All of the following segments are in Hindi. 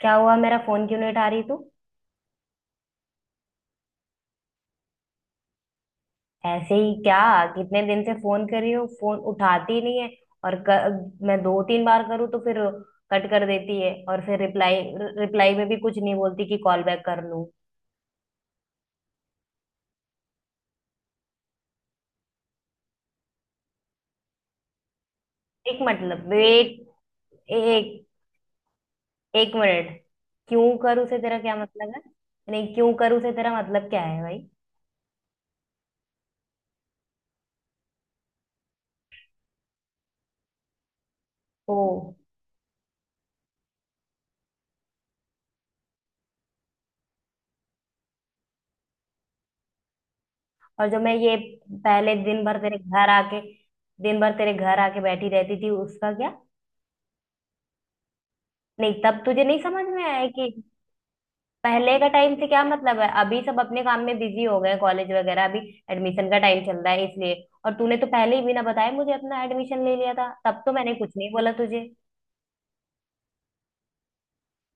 क्या हुआ? मेरा फोन क्यों नहीं उठा रही तू? ऐसे ही क्या? कितने दिन से फोन कर रही हूँ, फोन उठाती ही नहीं है। और मैं दो तीन बार करूँ तो फिर कट कर देती है, और फिर रिप्लाई। रिप्लाई में भी कुछ नहीं बोलती कि कॉल बैक कर लूँ। एक मतलब, वेट। एक एक मिनट। क्यों करूँ से तेरा क्या मतलब है? नहीं, क्यों करूँ से तेरा मतलब क्या है भाई? ओ। और जो मैं ये पहले दिन भर तेरे घर आके दिन भर तेरे घर आके बैठी रहती थी उसका क्या। नहीं तब तुझे नहीं समझ में आया कि। पहले का टाइम से क्या मतलब है? अभी सब अपने काम में बिजी हो गए हैं, कॉलेज वगैरह। अभी एडमिशन का टाइम चल रहा है इसलिए। और तूने तो पहले ही बिना बताए मुझे अपना एडमिशन ले लिया था, तब तो मैंने कुछ नहीं बोला तुझे।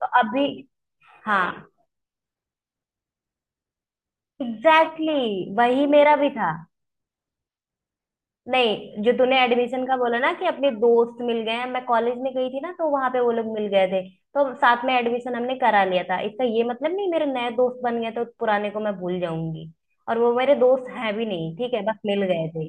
तो अभी। हाँ। एग्जैक्टली exactly, वही मेरा भी था। नहीं, जो तूने एडमिशन का बोला ना कि अपने दोस्त मिल गए हैं, मैं कॉलेज में गई थी ना, तो वहां पे वो लोग मिल गए थे। तो साथ में एडमिशन हमने करा लिया था। इसका ये मतलब नहीं मेरे नए दोस्त बन गए तो पुराने को मैं भूल जाऊंगी। और वो मेरे दोस्त हैं भी नहीं, ठीक है, बस मिल गए थे।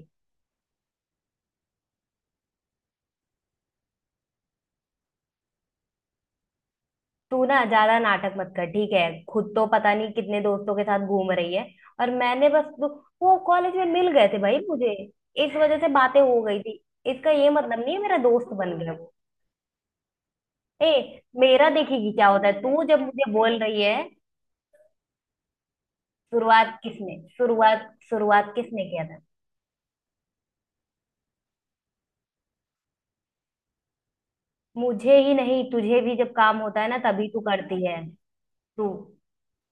तू ना ज्यादा नाटक मत कर, ठीक है। खुद तो पता नहीं कितने दोस्तों के साथ घूम रही है। और मैंने बस वो, कॉलेज में मिल गए थे भाई मुझे। इस वजह से बातें हो गई थी। इसका ये मतलब नहीं है मेरा दोस्त बन गया वो। ए, मेरा देखेगी क्या होता है? तू जब मुझे बोल रही है। शुरुआत किसने किया था? मुझे ही नहीं, तुझे भी जब काम होता है ना तभी तू करती है। तू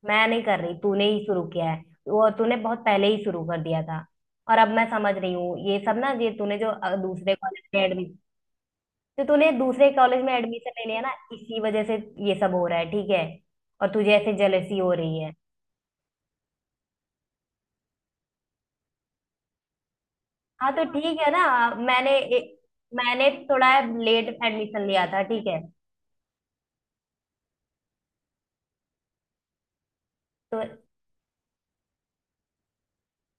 मैं नहीं कर रही, तूने ही शुरू किया है। वो तूने बहुत पहले ही शुरू कर दिया था। और अब मैं समझ रही हूँ ये सब ना, ये तूने जो दूसरे कॉलेज में एडमिशन। तो तूने दूसरे कॉलेज में एडमिशन ले लिया ना इसी वजह से ये सब हो रहा है, ठीक है। और तुझे ऐसे जलसी हो रही है। हाँ तो ठीक है ना। मैंने ए- मैंने थोड़ा लेट एडमिशन लिया था, ठीक है। तो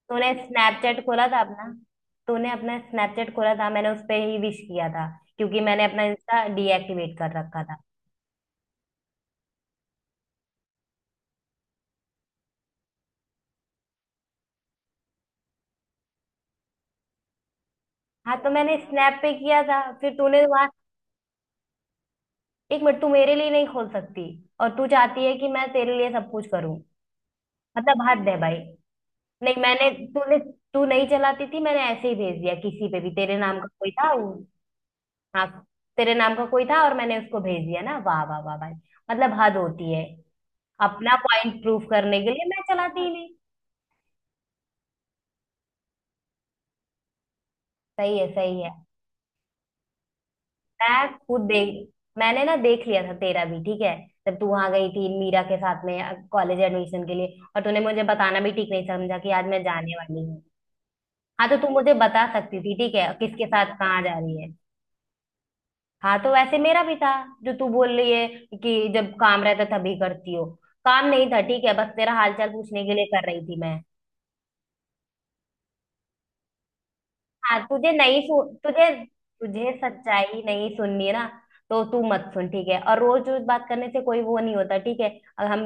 तूने स्नैपचैट खोला था अपना। तूने अपना स्नैपचैट खोला था, मैंने उस पर ही विश किया था, क्योंकि मैंने अपना इंस्टा डीएक्टिवेट कर रखा था। हाँ, तो मैंने स्नैप पे किया था, फिर तूने वहां। एक मिनट, तू मेरे लिए नहीं खोल सकती? और तू चाहती है कि मैं तेरे लिए सब कुछ करूं? मतलब हद है भाई। नहीं, मैंने तूने तू नहीं चलाती थी, मैंने ऐसे ही भेज दिया किसी पे भी, तेरे नाम का कोई था वो। हाँ, तेरे नाम का कोई था और मैंने उसको भेज दिया ना, वाह वाह वाह भाई। मतलब हद होती है। अपना पॉइंट प्रूफ करने के लिए, मैं चलाती ही नहीं। सही है, सही है। मैं खुद देख मैंने ना देख लिया था तेरा भी, ठीक है। जब तू वहां गई थी मीरा के साथ में कॉलेज एडमिशन के लिए, और तूने मुझे बताना भी ठीक नहीं समझा कि आज मैं जाने वाली हूँ। हाँ तो तू मुझे बता सकती थी, ठीक है, किसके साथ कहाँ जा रही है। हाँ तो वैसे मेरा भी था। जो तू बोल रही है कि जब काम रहता तभी करती हो। काम नहीं था, ठीक है, बस तेरा हालचाल पूछने के लिए कर रही थी मैं। हाँ, तुझे सच्चाई नहीं सुननी है ना, तो तू मत सुन, ठीक है। और रोज रोज बात करने से कोई वो नहीं होता, ठीक है। और हम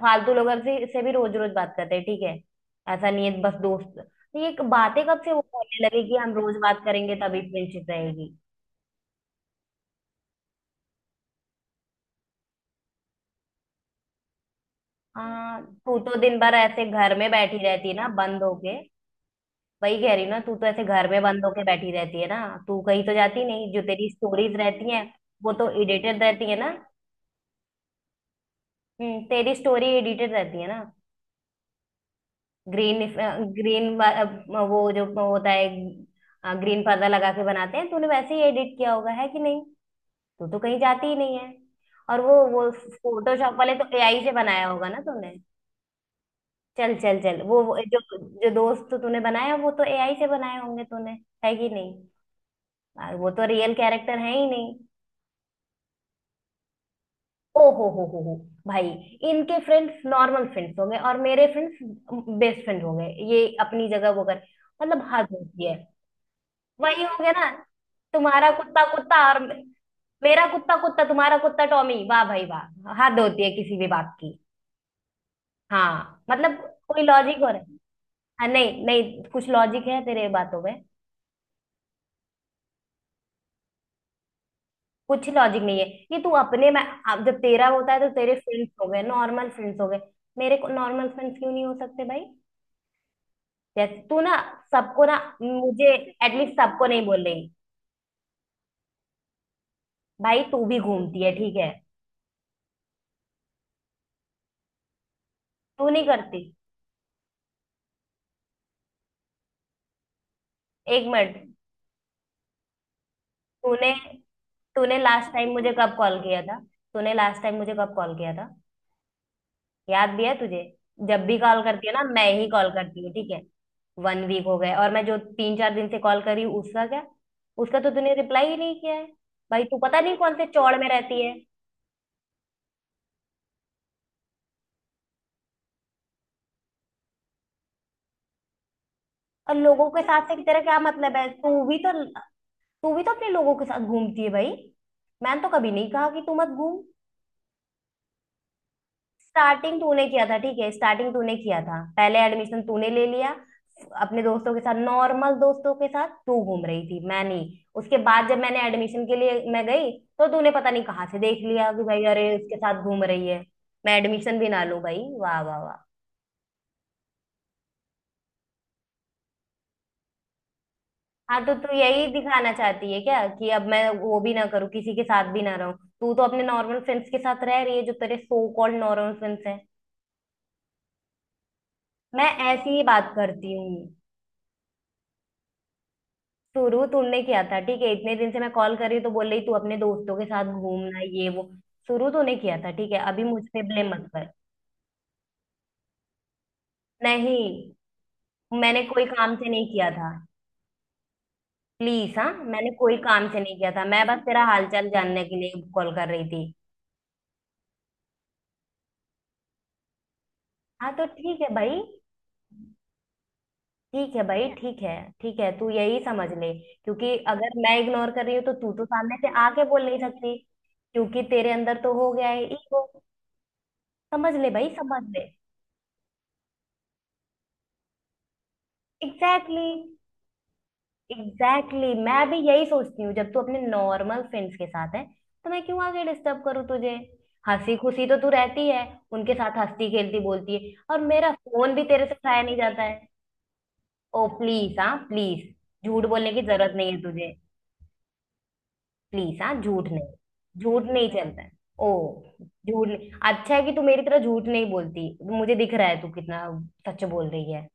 फालतू लोगों से भी रोज रोज बात करते हैं, ठीक है। ऐसा नहीं है। बस दोस्त तो ये बातें कब से वो बोलने लगे कि हम रोज बात करेंगे तभी फ्रेंडशिप रहेगी। हाँ, तू तो दिन भर ऐसे घर में बैठी रहती है ना, बंद होके। वही कह रही ना, तू तो ऐसे घर में बंद होके बैठी रहती है ना। तू कहीं तो जाती नहीं, जो तेरी स्टोरीज रहती हैं वो तो एडिटेड रहती है ना। तेरी स्टोरी एडिटेड रहती है ना। ग्रीन ग्रीन वो जो होता है, ग्रीन पर्दा लगा के बनाते हैं, तूने वैसे ही एडिट किया होगा, है कि नहीं। तू तो कहीं जाती ही नहीं है। और वो फोटोशॉप वाले तो एआई से बनाया होगा ना तूने। चल चल चल, वो जो जो दोस्त तूने बनाया, वो तो एआई से बनाए होंगे तूने, है कि नहीं। वो तो रियल कैरेक्टर है ही नहीं। ओ हो भाई! इनके फ्रेंड्स नॉर्मल फ्रेंड्स हो गए और मेरे फ्रेंड्स बेस्ट फ्रेंड हो गए, ये अपनी जगह वो कर। मतलब हद होती है। वही हो गया ना, तुम्हारा कुत्ता कुत्ता मेरा कुत्ता कुत्ता तुम्हारा कुत्ता टॉमी, वाह भाई वाह, हद होती है किसी भी बात की। हाँ मतलब, कोई लॉजिक हो रहा है? हाँ, नहीं नहीं, कुछ लॉजिक है तेरे बातों में? कुछ लॉजिक नहीं है। ये तू अपने में, अब जब तेरा होता है तो तेरे फ्रेंड्स हो गए नॉर्मल फ्रेंड्स हो गए। मेरे को नॉर्मल फ्रेंड्स क्यों नहीं हो सकते भाई? जैसे तू ना, सबको ना, मुझे एटलीस्ट सबको नहीं बोल रही। भाई तू भी घूमती है, ठीक है। तू नहीं करती। एक मिनट, तूने तूने लास्ट टाइम मुझे कब कॉल किया था? तूने लास्ट टाइम मुझे कब कॉल किया था, याद भी है तुझे? जब भी कॉल करती है ना, मैं ही कॉल करती हूँ, ठीक है। 1 वीक हो गए, और मैं जो तीन चार दिन से कॉल कर रही हूँ उसका क्या? उसका तो तूने रिप्लाई ही नहीं किया है। भाई तू पता नहीं कौन से चौड़ में रहती है। और लोगों के साथ से तेरा क्या मतलब है? तू भी तो अपने लोगों के साथ घूमती है भाई। मैंने तो कभी नहीं कहा कि तू मत घूम। स्टार्टिंग तूने किया था, ठीक है, स्टार्टिंग तूने किया था, पहले एडमिशन तूने ले लिया। अपने दोस्तों के साथ, नॉर्मल दोस्तों के साथ तू घूम रही थी, मैं नहीं। उसके बाद जब मैंने एडमिशन के लिए मैं गई। तो तूने पता नहीं कहाँ से देख लिया कि भाई, अरे, उसके साथ घूम रही है। मैं एडमिशन भी ना लूं भाई, वाह वाह वाह। हाँ तो तू यही दिखाना चाहती है क्या, कि अब मैं वो भी ना करूँ, किसी के साथ भी ना रहूं? तू तो अपने नॉर्मल फ्रेंड्स के साथ रह रही है जो तेरे सो कॉल्ड नॉर्मल फ्रेंड्स हैं। मैं ऐसी ही बात करती हूँ। शुरू तूने किया था, ठीक है, इतने दिन से मैं कॉल कर रही हूँ तो बोल रही तू अपने दोस्तों के साथ घूमना ये वो। शुरू तूने किया था, ठीक है, अभी मुझ पे ब्लेम मत कर। नहीं, मैंने कोई काम से नहीं किया था। प्लीज हाँ, मैंने कोई काम से नहीं किया था, मैं बस तेरा हालचाल जानने के लिए कॉल कर रही थी। हाँ तो ठीक है भाई, ठीक है भाई, ठीक है। ठीक है, तू यही समझ ले। क्योंकि अगर मैं इग्नोर कर रही हूँ तो तू तो सामने से आके बोल नहीं सकती। क्योंकि तेरे अंदर तो हो गया है ईगो। समझ ले भाई, समझ ले। Exactly exactly, exactly exactly। मैं भी यही सोचती हूँ, जब तू अपने नॉर्मल फ्रेंड्स के साथ है। तो मैं क्यों आगे डिस्टर्ब करूँ तुझे? हंसी खुशी तो तू रहती है, उनके साथ हंसती खेलती बोलती है, और मेरा फोन भी तेरे से उठाया नहीं जाता है। ओ प्लीज, हाँ प्लीज, झूठ बोलने की जरूरत नहीं है तुझे। प्लीज हाँ, झूठ नहीं, झूठ नहीं चलता है। ओ, झूठ नहीं, अच्छा है कि तू मेरी तरह झूठ नहीं बोलती। मुझे दिख रहा है तू कितना सच बोल रही है।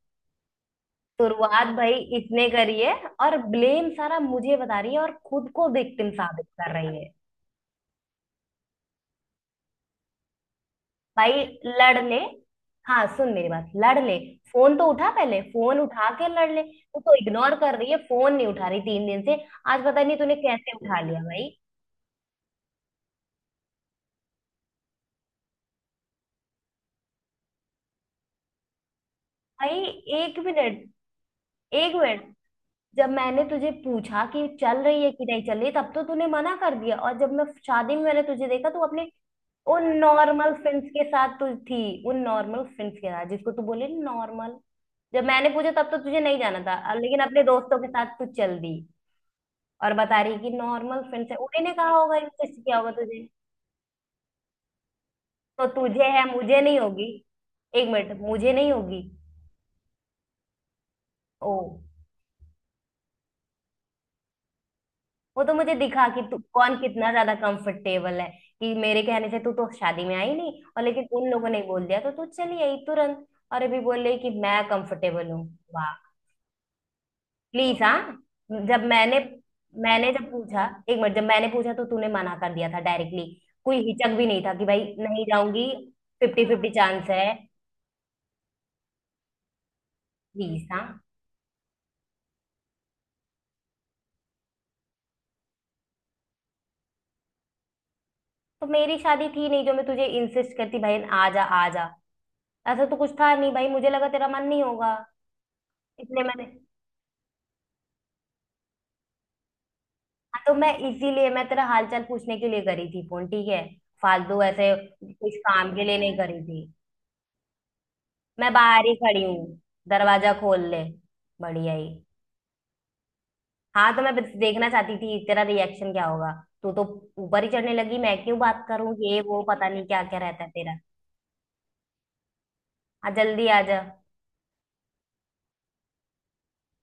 शुरुआत भाई इसने करी है, और ब्लेम सारा मुझे बता रही है, और खुद को विक्टिम साबित कर रही है। भाई लड़ ले, हाँ सुन मेरी बात, लड़ ले। फोन तो उठा, पहले फोन उठा के लड़ ले, तू तो इग्नोर कर रही है, फोन नहीं उठा रही 3 दिन से। आज पता नहीं तूने कैसे उठा लिया भाई। भाई, एक मिनट, एक मिनट। जब मैंने तुझे पूछा कि चल रही है कि नहीं चल रही, तब तो तूने मना कर दिया, और जब मैं शादी में मैंने तुझे देखा, तू अपने उन नॉर्मल फ्रेंड्स के साथ तू थी। उन नॉर्मल फ्रेंड्स के साथ जिसको तू बोले नॉर्मल। जब मैंने पूछा तब तो तुझे नहीं जाना था, अब लेकिन अपने दोस्तों के साथ तू चल दी। और बता रही कि नॉर्मल फ्रेंड्स है, उन्हीं ने कहा होगा इनसे, किया होगा तुझे। तो तुझे है, मुझे नहीं होगी। एक मिनट, मुझे नहीं होगी। ओ, वो तो मुझे दिखा कि तू कौन कितना ज्यादा कंफर्टेबल है। कि मेरे कहने से तू तो शादी में आई नहीं, और लेकिन उन लोगों ने बोल दिया तो तू चली आई तुरंत। और अभी बोल रही कि मैं कंफर्टेबल हूँ। वाह, प्लीज हाँ। जब मैंने मैंने जब पूछा, एक मिनट, जब मैंने पूछा तो तूने मना कर दिया था डायरेक्टली। कोई हिचक भी नहीं था कि भाई नहीं जाऊंगी। 50-50 चांस है। प्लीज हाँ, तो मेरी शादी थी नहीं जो मैं तुझे इंसिस्ट करती भाई, आ जा आ जा। ऐसा तो कुछ था नहीं भाई, मुझे लगा तेरा मन नहीं होगा, इसलिए मैंने। हाँ, तो मैं इसीलिए, मैं तेरा हालचाल पूछने के लिए करी थी फोन, ठीक है। फालतू ऐसे, कुछ काम के लिए नहीं करी थी। मैं बाहर ही खड़ी हूँ, दरवाजा खोल ले, बढ़िया ही। हाँ तो मैं बस देखना चाहती थी तेरा रिएक्शन क्या होगा। तू तो ऊपर ही चढ़ने लगी, मैं क्यों बात करूँ ये वो, पता नहीं क्या क्या रहता है तेरा। हाँ जल्दी आ जा।